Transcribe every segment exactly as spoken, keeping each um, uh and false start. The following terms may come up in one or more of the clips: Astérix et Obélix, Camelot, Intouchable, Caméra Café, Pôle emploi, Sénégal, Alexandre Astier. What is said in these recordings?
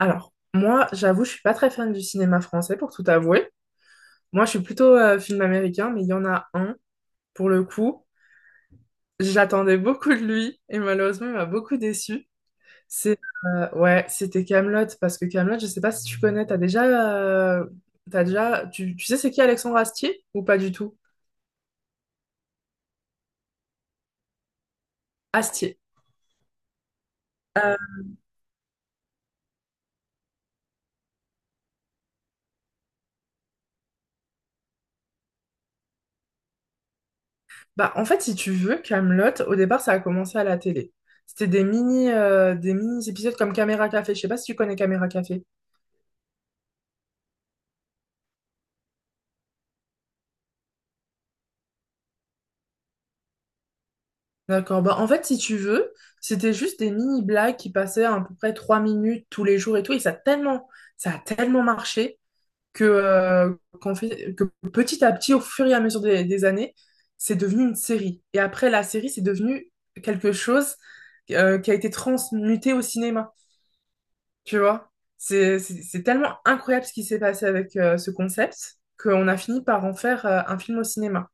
Alors, moi, j'avoue, je suis pas très fan du cinéma français, pour tout avouer. Moi, je suis plutôt euh, film américain, mais il y en a un, pour le coup. J'attendais beaucoup de lui, et malheureusement, il m'a beaucoup déçu. C'est, euh, ouais, c'était Camelot parce que Camelot, je sais pas si tu connais, t'as déjà, euh, t'as déjà, tu, tu sais c'est qui Alexandre Astier, ou pas du tout? Astier. Euh, Bah, en fait, si tu veux, Camelot, au départ, ça a commencé à la télé. C'était des mini, euh, des mini épisodes comme Caméra Café. Je sais pas si tu connais Caméra Café. D'accord. Bah, en fait, si tu veux, c'était juste des mini-blagues qui passaient à, à peu près trois minutes tous les jours et tout. Et ça a tellement, ça a tellement marché que, euh, qu'on fait, que petit à petit, au fur et à mesure des, des années, c'est devenu une série. Et après, la série, c'est devenu quelque chose euh, qui a été transmuté au cinéma. Tu vois? C'est, c'est, c'est tellement incroyable ce qui s'est passé avec euh, ce concept qu'on a fini par en faire euh, un film au cinéma.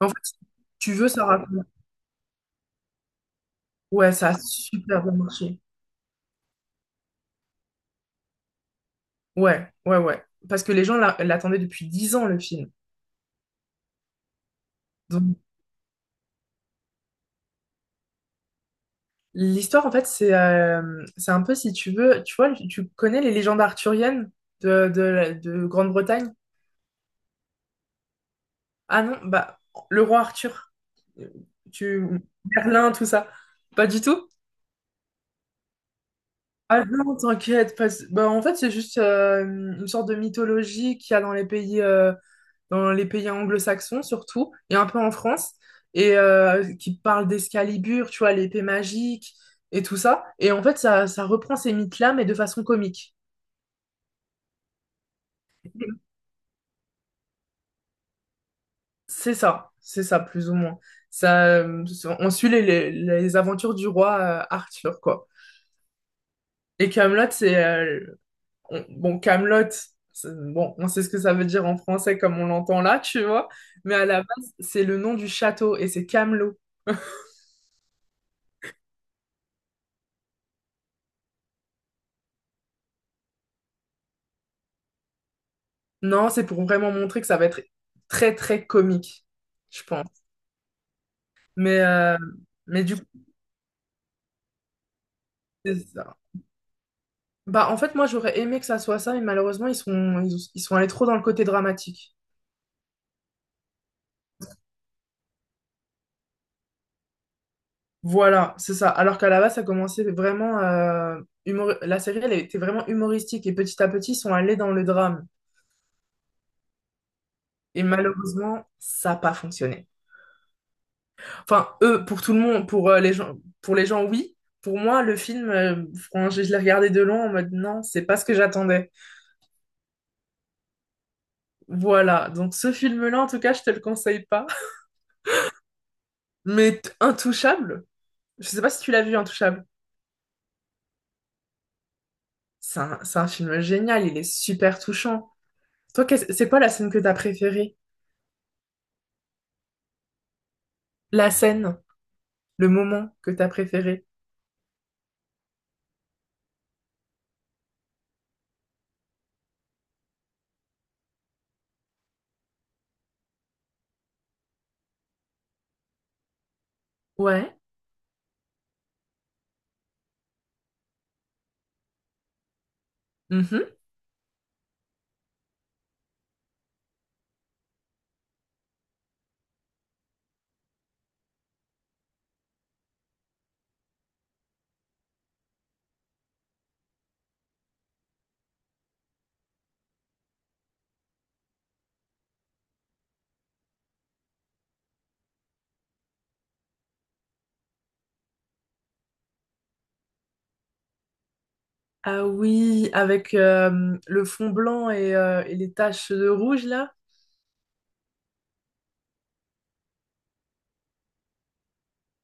En fait, si tu veux, ça raconte. Ouais, ça a super bien marché. Ouais, ouais, ouais. Parce que les gens l'a- l'attendaient depuis dix ans, le film. Donc, l'histoire, en fait, c'est euh, c'est un peu, si tu veux, tu vois, tu tu connais les légendes arthuriennes de, de, la- de Grande-Bretagne? Ah non, bah, le roi Arthur. Euh, Tu... Merlin, tout ça. Pas du tout? Ah non, t'inquiète. parce- Bah, en fait, c'est juste euh, une sorte de mythologie qu'il y a dans les pays euh, dans les pays anglo-saxons surtout, et un peu en France, et euh, qui parle d'Excalibur, tu vois, l'épée magique et tout ça. Et en fait, ça, ça reprend ces mythes-là, mais de façon comique. C'est ça, c'est ça, plus ou moins. Ça, euh, on suit les, les, les aventures du roi euh, Arthur, quoi. Et Camelot, c'est... euh, on- bon, Camelot. Bon, on sait ce que ça veut dire en français comme on l'entend là, tu vois. Mais à la base, c'est le nom du château, et c'est Camelot. Non, c'est pour vraiment montrer que ça va être très très comique, je pense. Mais, euh, mais du coup, c'est ça. Bah, en fait, moi, j'aurais aimé que ça soit ça, mais malheureusement, ils sont, ils, ils sont allés trop dans le côté dramatique. Voilà, c'est ça. Alors qu'à la base, ça commençait vraiment... euh, humor- La série, elle était vraiment humoristique et petit à petit, ils sont allés dans le drame. Et malheureusement, ça n'a pas fonctionné. Enfin, eux, pour tout le monde, pour, euh, les gens, pour les gens, oui. Pour moi, le film, euh, franchement, je, je l'ai regardé de loin en mode non, c'est pas ce que j'attendais. Voilà, donc ce film-là, en tout cas, je te le conseille pas. Mais t- Intouchable, je sais pas si tu l'as vu, Intouchable. C'est un, c'est un film génial, il est super touchant. Toi, qu'est-ce- c'est quoi la scène que t'as préférée? La scène, le moment que t'as préféré? Ouais. Mhm. Ah oui, avec euh, le fond blanc et, euh, et les taches de rouge, là.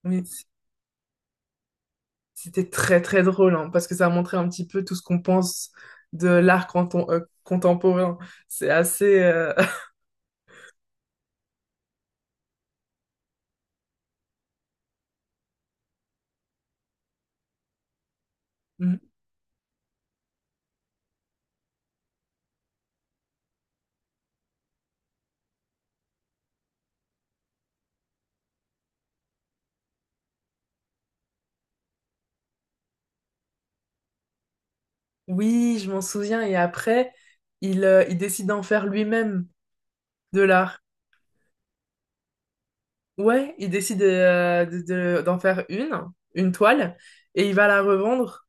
Oui, c- C'était très très drôle, hein, parce que ça montrait un petit peu tout ce qu'on pense de l'art canton- euh, contemporain. C'est assez... euh, Oui, je m'en souviens. Et après, il, euh, il décide d'en faire lui-même de l'art. Ouais, il décide euh, de- de- d'en faire une, une toile, et il va la revendre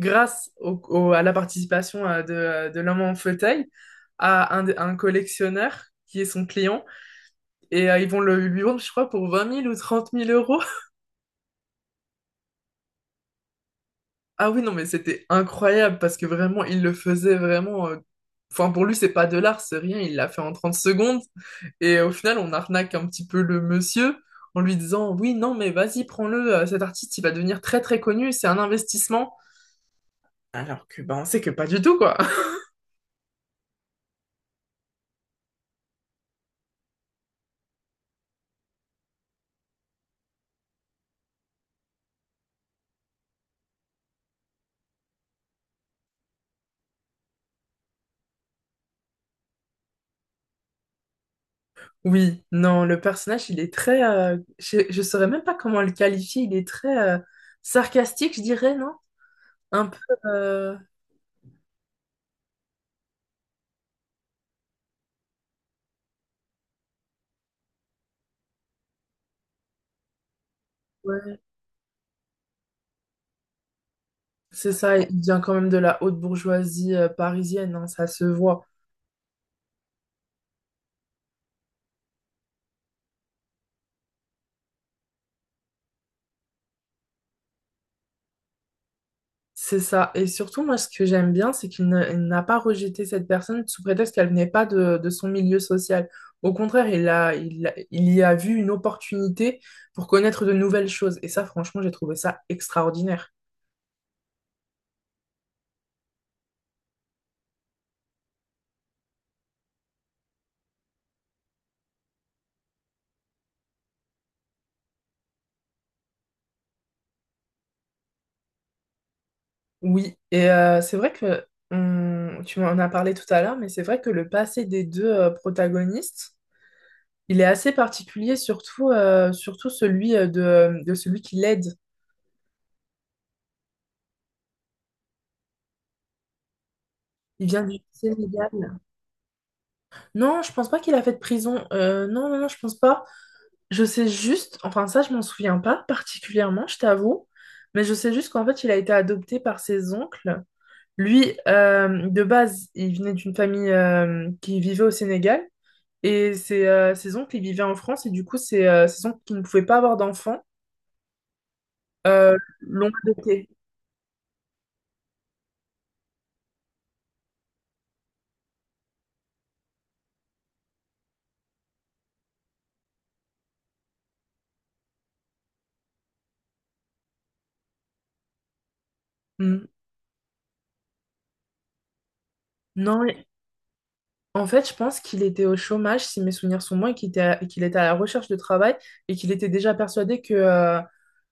grâce au- au- à la participation euh, de, euh, de l'homme en fauteuil à un, un collectionneur qui est son client. Et euh, ils vont le, lui vendre, je crois, pour vingt mille ou trente mille euros. Ah oui, non, mais c'était incroyable parce que vraiment, il le faisait vraiment. euh, Enfin, pour lui, c'est pas de l'art, c'est rien. Il l'a fait en trente secondes. Et au final, on arnaque un petit peu le monsieur en lui disant, oui, non, mais vas-y, prends-le. euh, Cet artiste, il va devenir très, très connu. C'est un investissement. Alors que, ben on sait que pas du tout, quoi. Oui, non, le personnage, il est très. Euh, je, je saurais même pas comment le qualifier. Il est très euh, sarcastique, je dirais, non? Un peu. euh, ouais. C'est ça, il vient quand même de la haute bourgeoisie euh, parisienne, hein, ça se voit. C'est ça. Et surtout, moi, ce que j'aime bien, c'est qu'il ne- il n'a pas rejeté cette personne sous prétexte qu'elle venait pas de, de son milieu social. Au contraire, il a, il, a- il y a vu une opportunité pour connaître de nouvelles choses. Et ça, franchement, j'ai trouvé ça extraordinaire. Oui, et euh, c'est vrai que on- tu en as parlé tout à l'heure, mais c'est vrai que le passé des deux euh, protagonistes, il est assez particulier, surtout, euh, surtout celui euh, de, de celui qui l'aide. Il vient du Sénégal. Non, je pense pas qu'il a fait de prison. Euh, non, non, non, je pense pas. Je sais juste, enfin ça, je m'en souviens pas particulièrement, je t'avoue, mais je sais juste qu'en fait, il a été adopté par ses oncles. Lui, euh, de base, il venait d'une famille euh, qui vivait au Sénégal et ses, euh, ses oncles, ils vivaient en France et du coup, ses, euh, ses oncles qui ne pouvaient pas avoir d'enfants euh, l'ont adopté. Hmm. Non, en fait, je pense qu'il était au chômage, si mes souvenirs sont bons, et qu'il était à, et qu'il était à la recherche de travail et qu'il était déjà persuadé que, euh,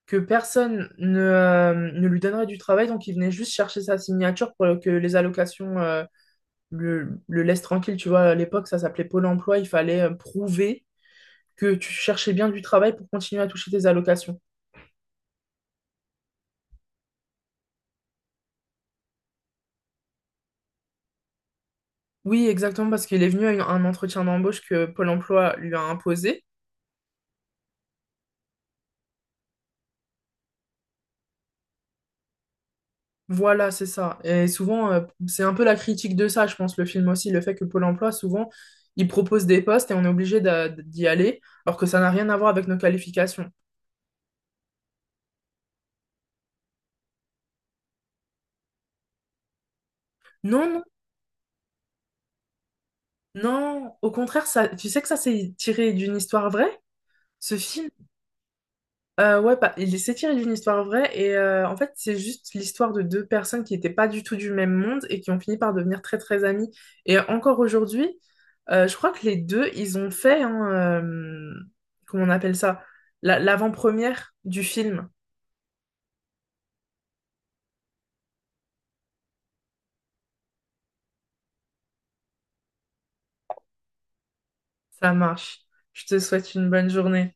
que personne ne, euh, ne lui donnerait du travail. Donc, il venait juste chercher sa signature pour que les allocations euh, le, le laissent tranquille. Tu vois, à l'époque, ça s'appelait Pôle emploi. Il fallait euh, prouver que tu cherchais bien du travail pour continuer à toucher tes allocations. Oui, exactement, parce qu'il est venu à une- un entretien d'embauche que Pôle emploi lui a imposé. Voilà, c'est ça. Et souvent, euh, c'est un peu la critique de ça, je pense, le film aussi, le fait que Pôle emploi, souvent, il propose des postes et on est obligé d'a- d'y aller, alors que ça n'a rien à voir avec nos qualifications. Non, non, non, au contraire, ça, tu sais que ça, c'est tiré d'une histoire vraie? Ce film, euh, ouais, bah, il s'est tiré d'une histoire vraie et euh, en fait c'est juste l'histoire de deux personnes qui n'étaient pas du tout du même monde et qui ont fini par devenir très très amies. Et encore aujourd'hui, euh, je crois que les deux, ils ont fait, hein, euh, comment on appelle ça, La- l'avant-première du film. Ça marche. Je te souhaite une bonne journée.